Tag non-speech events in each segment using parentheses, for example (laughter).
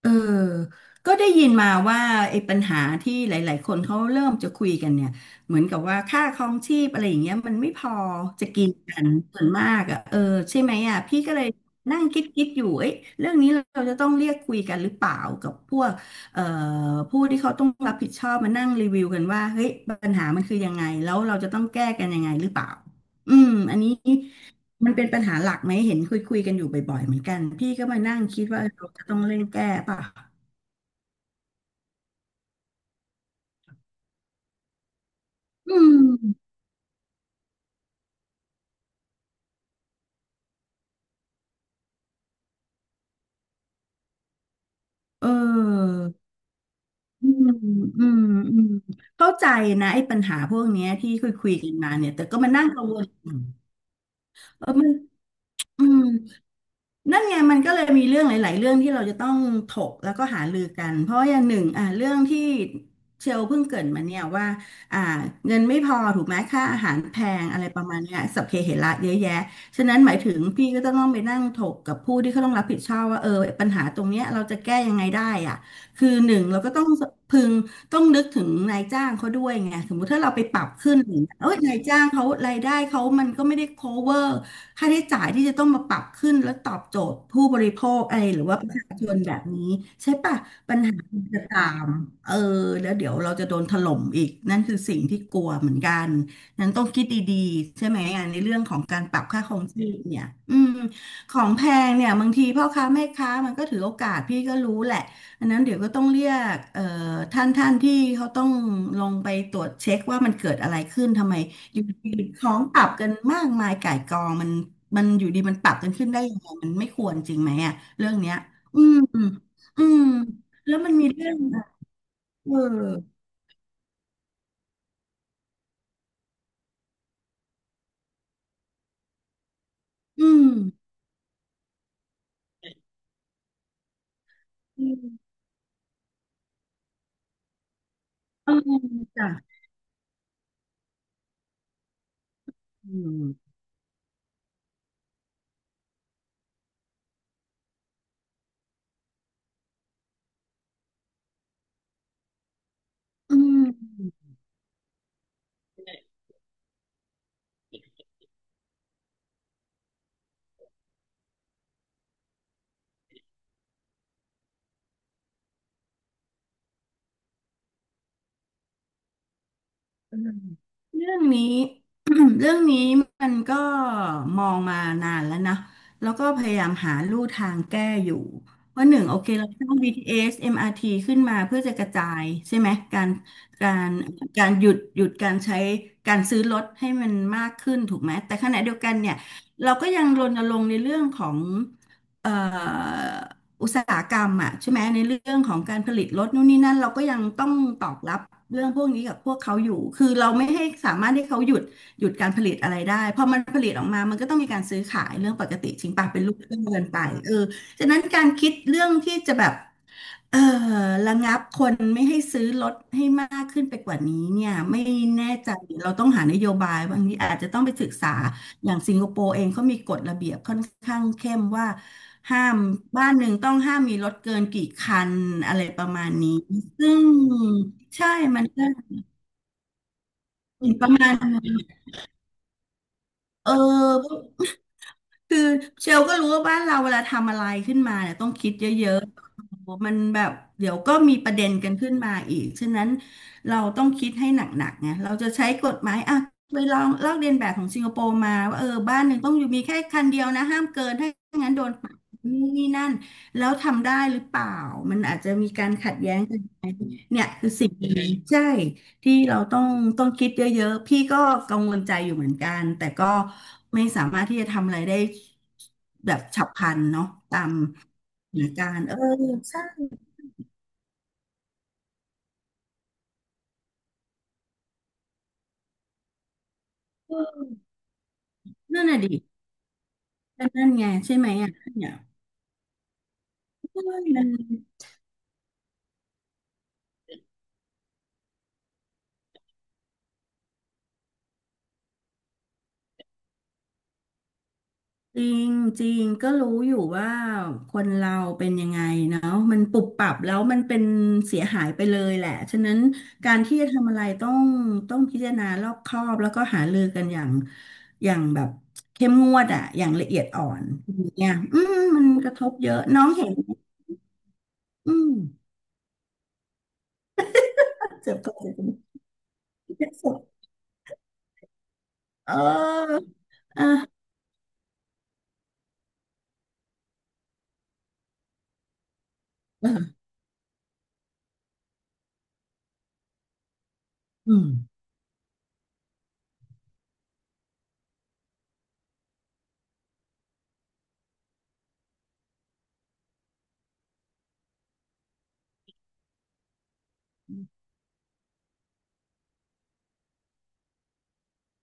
เออก็ได้ยินมาว่าไอ้ปัญหาที่หลายๆคนเขาเริ่มจะคุยกันเนี่ยเหมือนกับว่าค่าครองชีพอะไรอย่างเงี้ยมันไม่พอจะกินกันส่วนมากอ่ะเออใช่ไหมอ่ะพี่ก็เลยนั่งคิดอยู่เอ้ยเรื่องนี้เราจะต้องเรียกคุยกันหรือเปล่ากับพวกเอ่อผู้ที่เขาต้องรับผิดชอบมานั่งรีวิวกันว่าเฮ้ยปัญหามันคือยังไงแล้วเราจะต้องแก้กันยังไงหรือเปล่าอืมอันนี้ มันเป็นปัญหาหลักไหมเห็นคุยกันอยู่บ่อยๆเหมือนกันพี่ก็มานั่งคิดว่าเราจะต้องเร่งแก้ป่ะอืมเอออืมอืมอืมเข้าใจนะไอ้ปัญหาพวกเนี้ยที่คุยกันมาเนี่ยแต่ก็มานั่งกังวลเออมันอืม นั่นไงมันก็เลยมีเรื่องหลายๆเรื่องที่เราจะต้องถกแล้วก็หารือกันเพราะว่าอย่างหนึ่งอ่าเรื่องที่เชลเพิ่งเกริดมาเนี่ยว่าอ่าเงินไม่พอถูกไหมค่าอาหารแพงอะไรประมาณเนี้ยสัพเพเหระเยอะแยะฉะนั้นหมายถึงพี่ก็ต้องไปนั่งถกกับผู้ที่เขาต้องรับผิดชอบว่าเออปัญหาตรงเนี้ยเราจะแก้ยังไงได้อ่ะคือหนึ่งเราก็ต้องพึงต้องนึกถึงนายจ้างเขาด้วยไงสมมุติถ้าเราไปปรับขึ้นอย่างเงี้ยเอ้ยนายจ้างเขารายได้เขามันก็ไม่ได้ cover ค่าใช้จ่ายที่จะต้องมาปรับขึ้นแล้วตอบโจทย์ผู้บริโภคอะไรหรือว่าประชาชนแบบนี้ใช่ปะปัญหามันจะตามเออแล้วเดี๋ยวเราจะโดนถล่มอีกนั่นคือสิ่งที่กลัวเหมือนกันนั้นต้องคิดดีๆใช่ไหมอ่ะในเรื่องของการปรับค่าครองชีพเนี่ยอืมของแพงเนี่ยบางทีพ่อค้าแม่ค้ามันก็ถือโอกาสพี่ก็รู้แหละอันนั้นเดี๋ยวก็ต้องเรียกท่านที่เขาต้องลงไปตรวจเช็คว่ามันเกิดอะไรขึ้นทำไม อยู่ดีของปรับกันมากมายก่ายกองมันอยู่ดีมันปรับกันขึ้นได้ยังไงมันไม่ควรจริงไหมอ่ะเรื่องเนี้ยอืมอืมแล้วมันมีเรื่องอะเอออืมอืมเออจ้ะอืมอืม เรื่องนี้ (clears throat) เรื่องนี้มันก็มองมานานแล้วนะแล้วก็พยายามหาลู่ทางแก้อยู่ว่าหนึ่งโอเคเราสร้าง BTS MRT ขึ้นมาเพื่อจะกระจายใช่ไหมการการหยุดการใช้การซื้อรถให้มันมากขึ้นถูกไหมแต่ขณะเดียวกันเนี่ยเราก็ยังรณรงค์ในเรื่องของเอ่อ อุตสาหกรรมอ่ะใช่ไหมในเรื่องของการผลิตรถนู่นนี่นั่นเราก็ยังต้องตอกรับเรื่องพวกนี้กับพวกเขาอยู่คือเราไม่ให้สามารถให้เขาหยุดการผลิตอะไรได้พอมันผลิตออกมามันก็ต้องมีการซื้อขายเรื่องปกติจริงป่ะเป็นลูกเรื่องเกินไปเออฉะนั้นการคิดเรื่องที่จะแบบเออระงับคนไม่ให้ซื้อรถให้มากขึ้นไปกว่านี้เนี่ยไม่แน่ใจเราต้องหานโยบายบางทีอาจจะต้องไปศึกษา อย่างสิงคโปร์เองเขามีกฎระเบียบค่อนข้างเข้มว่าห้ามบ้านหนึ่งต้องห้ามมีรถเกินกี่คันอะไรประมาณนี้ซึ่งใช่มันก็หมนประมาณเออ คือเชลก็รู้ว่าบ้านเราเวลาทำอะไรขึ้นมาเนี่ยต้องคิดเยอะๆมันแบบเดี๋ยวก็มีประเด็นกันขึ้นมาอีกฉะนั้นเราต้องคิดให้หนักๆไงเราจะใช้กฎหมายอ่ะไปลองลอกเลียนแบบของสิงคโปร์มาว่าเออบ้านหนึ่งต้องอยู่มีแค่คันเดียวนะห้ามเกินถ้างั้นโดนปรับนู่นนี่นั่นแล้วทำได้หรือเปล่ามันอาจจะมีการขัดแย้งกัน เนี่ยคือสิ่งดีใช่ที่เราต้องคิดเยอะๆพี่ก็กังวลใจอยู่เหมือนกันแต่ก็ไม่สามารถที่จะทำอะไรได้แบบฉับพลันเนาะตามเหตุการณ์เออใช่เออนั่นน่ะดินั่นไงใช่ไหมอ่ะเนี่ยเออ จริงจริงก็รู้อยู่ว่าคนเราเป็นยังไงเนาะมันปุบปรับแล้วมันเป็นเสียหายไปเลยแหละฉะนั้นการที่จะทำอะไรต้องพิจารณารอบคอบแล้วก็หารือกันอย่างอย่างแบบเข้มงวดอะอย่างละเอียดอ่อนอย่างเนี่ยอืมมันกระทบเยอะน้องเห็นไหมอืมเจ็บปวดเจ็บปวดเจ็บปวดเออเออเอออืม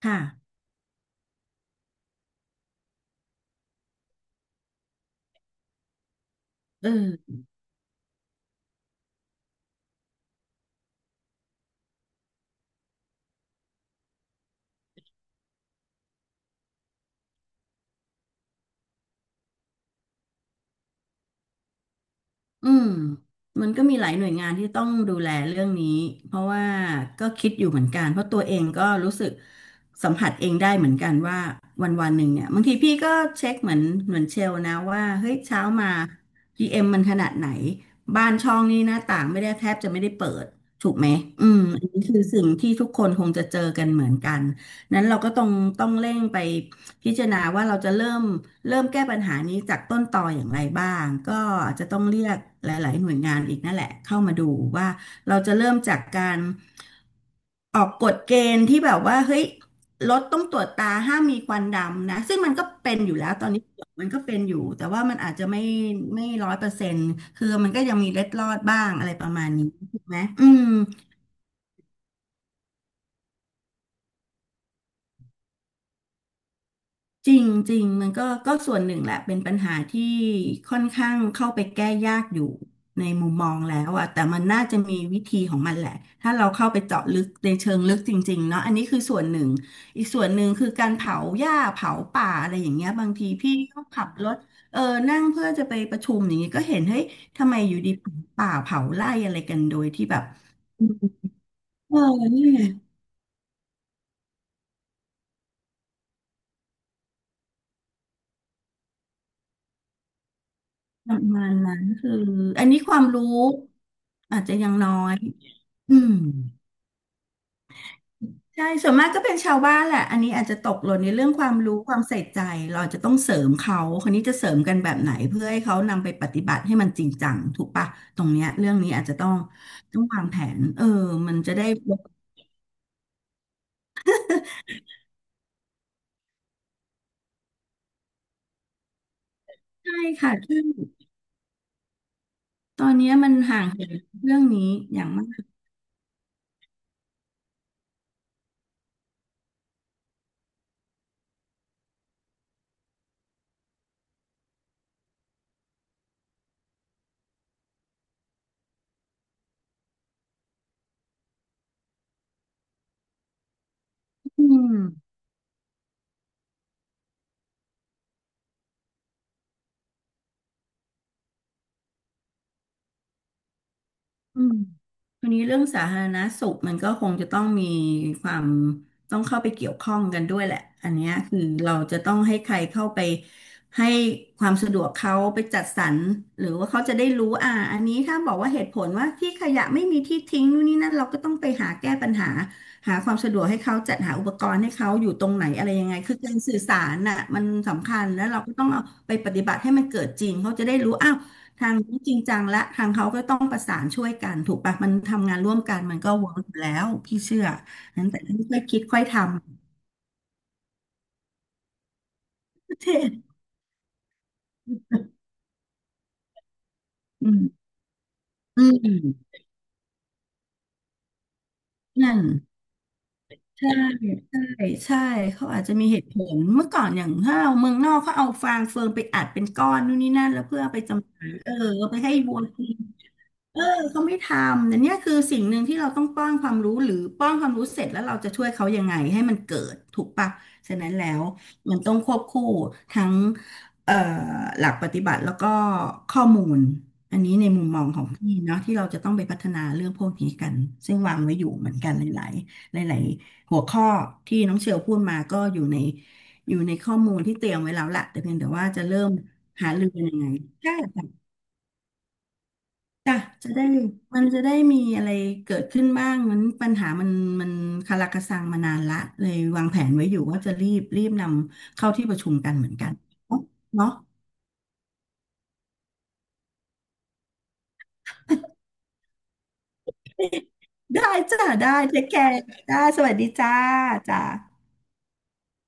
ค่ะเออ อืมมันก็มีหลายหน่วยงานที่ต้องดูแลเรื่องนี้เพราะว่าก็คิดอยู่เหมือนกันเพราะตัวเองก็รู้สึกสัมผัสเองได้เหมือนกันว่าวันวันหนึ่งเนี่ยบางทีพี่ก็เช็คเหมือนเชลนะว่าเฮ้ยเช้ามา PM มมันขนาดไหนบ้านช่องนี่หน้าต่างไม่ได้แทบจะไม่ได้เปิดถูกไหมอืมอันนี้คือสิ่งที่ทุกคนคงจะเจอกันเหมือนกันนั้นเราก็ต้องเร่งไป พิจารณาว่าเราจะเริ่มแก้ปัญหานี้จากต้นตออย่างไรบ้างก็อาจจะต้องเรียกหลายๆหน่วยงานอีกนั่นแหละเข้ามาดูว่าเราจะเริ่มจากการออกกฎเกณฑ์ที่แบบว่าเฮ้ยรถต้องตรวจตาห้ามมีควันดำนะซึ่งมันก็เป็นอยู่แล้วตอนนี้มันก็เป็นอยู่แต่ว่ามันอาจจะไม่100 เปอร์เซ็นต์คือมันก็ยังมีเล็ดลอดบ้างอะไรประมาณนี้ถูกไหมอืม จริงจริงมันก็ส่วนหนึ่งแหละเป็นปัญหาที่ค่อนข้างเข้าไปแก้ยากอยู่ในมุมมองแล้วอะแต่มันน่าจะมีวิธีของมันแหละถ้าเราเข้าไปเจาะลึกในเชิงลึกจริงๆเนาะอันนี้คือส่วนหนึ่งอีกส่วนหนึ่งคือการเผาหญ้าเผาป่าอะไรอย่างเงี้ยบางทีพี่ก็ขับรถเออนั่งเพื่อจะไปประชุมอย่างเงี้ยก็เห็นเฮ้ยทำไมอยู่ดีเผาป่าเผาไร่อะไรกันโดยที่แบบเออนี่ไงประมาณนั้นคืออันนี้ความรู้อาจจะยังน้อย อืมใช่ส่วนมากก็เป็นชาวบ้านแหละอันนี้อาจจะตกหล่นในเรื่องความรู้ความใส่ใจเราอาจจะต้องเสริมเขาคนนี้จะเสริมกันแบบไหนเพื่อให้เขานำไปปฏิบัติให้มันจริงจังถูกปะตรงเนี้ยเรื่องนี้อาจจะต้องวางแผนเออมันจะได้ใช่ค่ะซึ่งตอนเนี้ยมันห่างเหินเรื่องนี้อย่างมากอืม อืมทีนี้เรื่องสาธารณสุขมันก็คงจะต้องมีความต้องเข้าไปเกี่ยวข้องกันด้วยแหละอันเนี้ยคือเราจะต้องให้ใครเข้าไปให้ความสะดวกเขาไปจัดสรรหรือว่าเขาจะได้รู้อ่าอันนี้ถ้าบอกว่าเหตุผลว่าที่ขยะไม่มีที่ทิ้งนู่นนี่นั่นเราก็ต้องไปหาแก้ปัญหาหาความสะดวกให้เขาจัดหาอุปกรณ์ให้เขาอยู่ตรงไหนอะไรยังไงคือการสื่อสารน่ะมันสำคัญแล้วเราก็ต้องเอาไปปฏิบัติให้มันเกิดจริงเขาจะได้รู้อ้าว ทางนี้จริงจังและทางเขาก็ต้องประสานช่วยกันถูกปะมันทำงานร่วมกันมันก็เวิร์กอยู่แล้วพี่เชื่อ นั้นแต่ต้องค่อยคิดค่อยทำ (laughs) ประเทศอืมอืมนั่นใช่ใช่ใช่เขาอาจจะมีเหตุผลเมื่อก่อนอย่างถ้าเราเมืองนอกเขาเอาฟางเฟืองไปอัดเป็นก้อนนู่นนี่นั่นแล้วเพื่อไปจำหน่ายเออเอาไปให้วัวกิน เออเขาไม่ทำแต่เนี่ยคือสิ่งหนึ่งที่เราต้องป้อนความรู้หรือป้อนความรู้เสร็จแล้วเราจะช่วยเขายังไงให้มันเกิดถูกปะฉะนั้นแล้วมันต้องควบคู่ทั้งเอ่อหลักปฏิบัติแล้วก็ข้อมูลอันนี้ในมุมมองของพี่เนาะที่เราจะต้องไปพัฒนาเรื่องพวกนี้กันซึ่งวางไว้อยู่เหมือนกันหลายๆหลายๆหัวข้อที่น้องเชลพูดมาก็อยู่ในอยู่ในข้อมูลที่เตรียมไว้แล้วแหละแต่เพียงแต่ว่าจะเริ่มหารือกันยังไงใช่ จ้ะจะได้มันจะได้มีอะไรเกิดขึ้นบ้างมันปัญหามันมันคาราคาซังมานานละเลยวางแผนไว้อยู่ว่าจะรีบนำเข้าที่ประชุมกันเหมือนกันเนาะเนาะได้จ้ะได้เทคแคร์ได้สวัสดีจ้าจ้า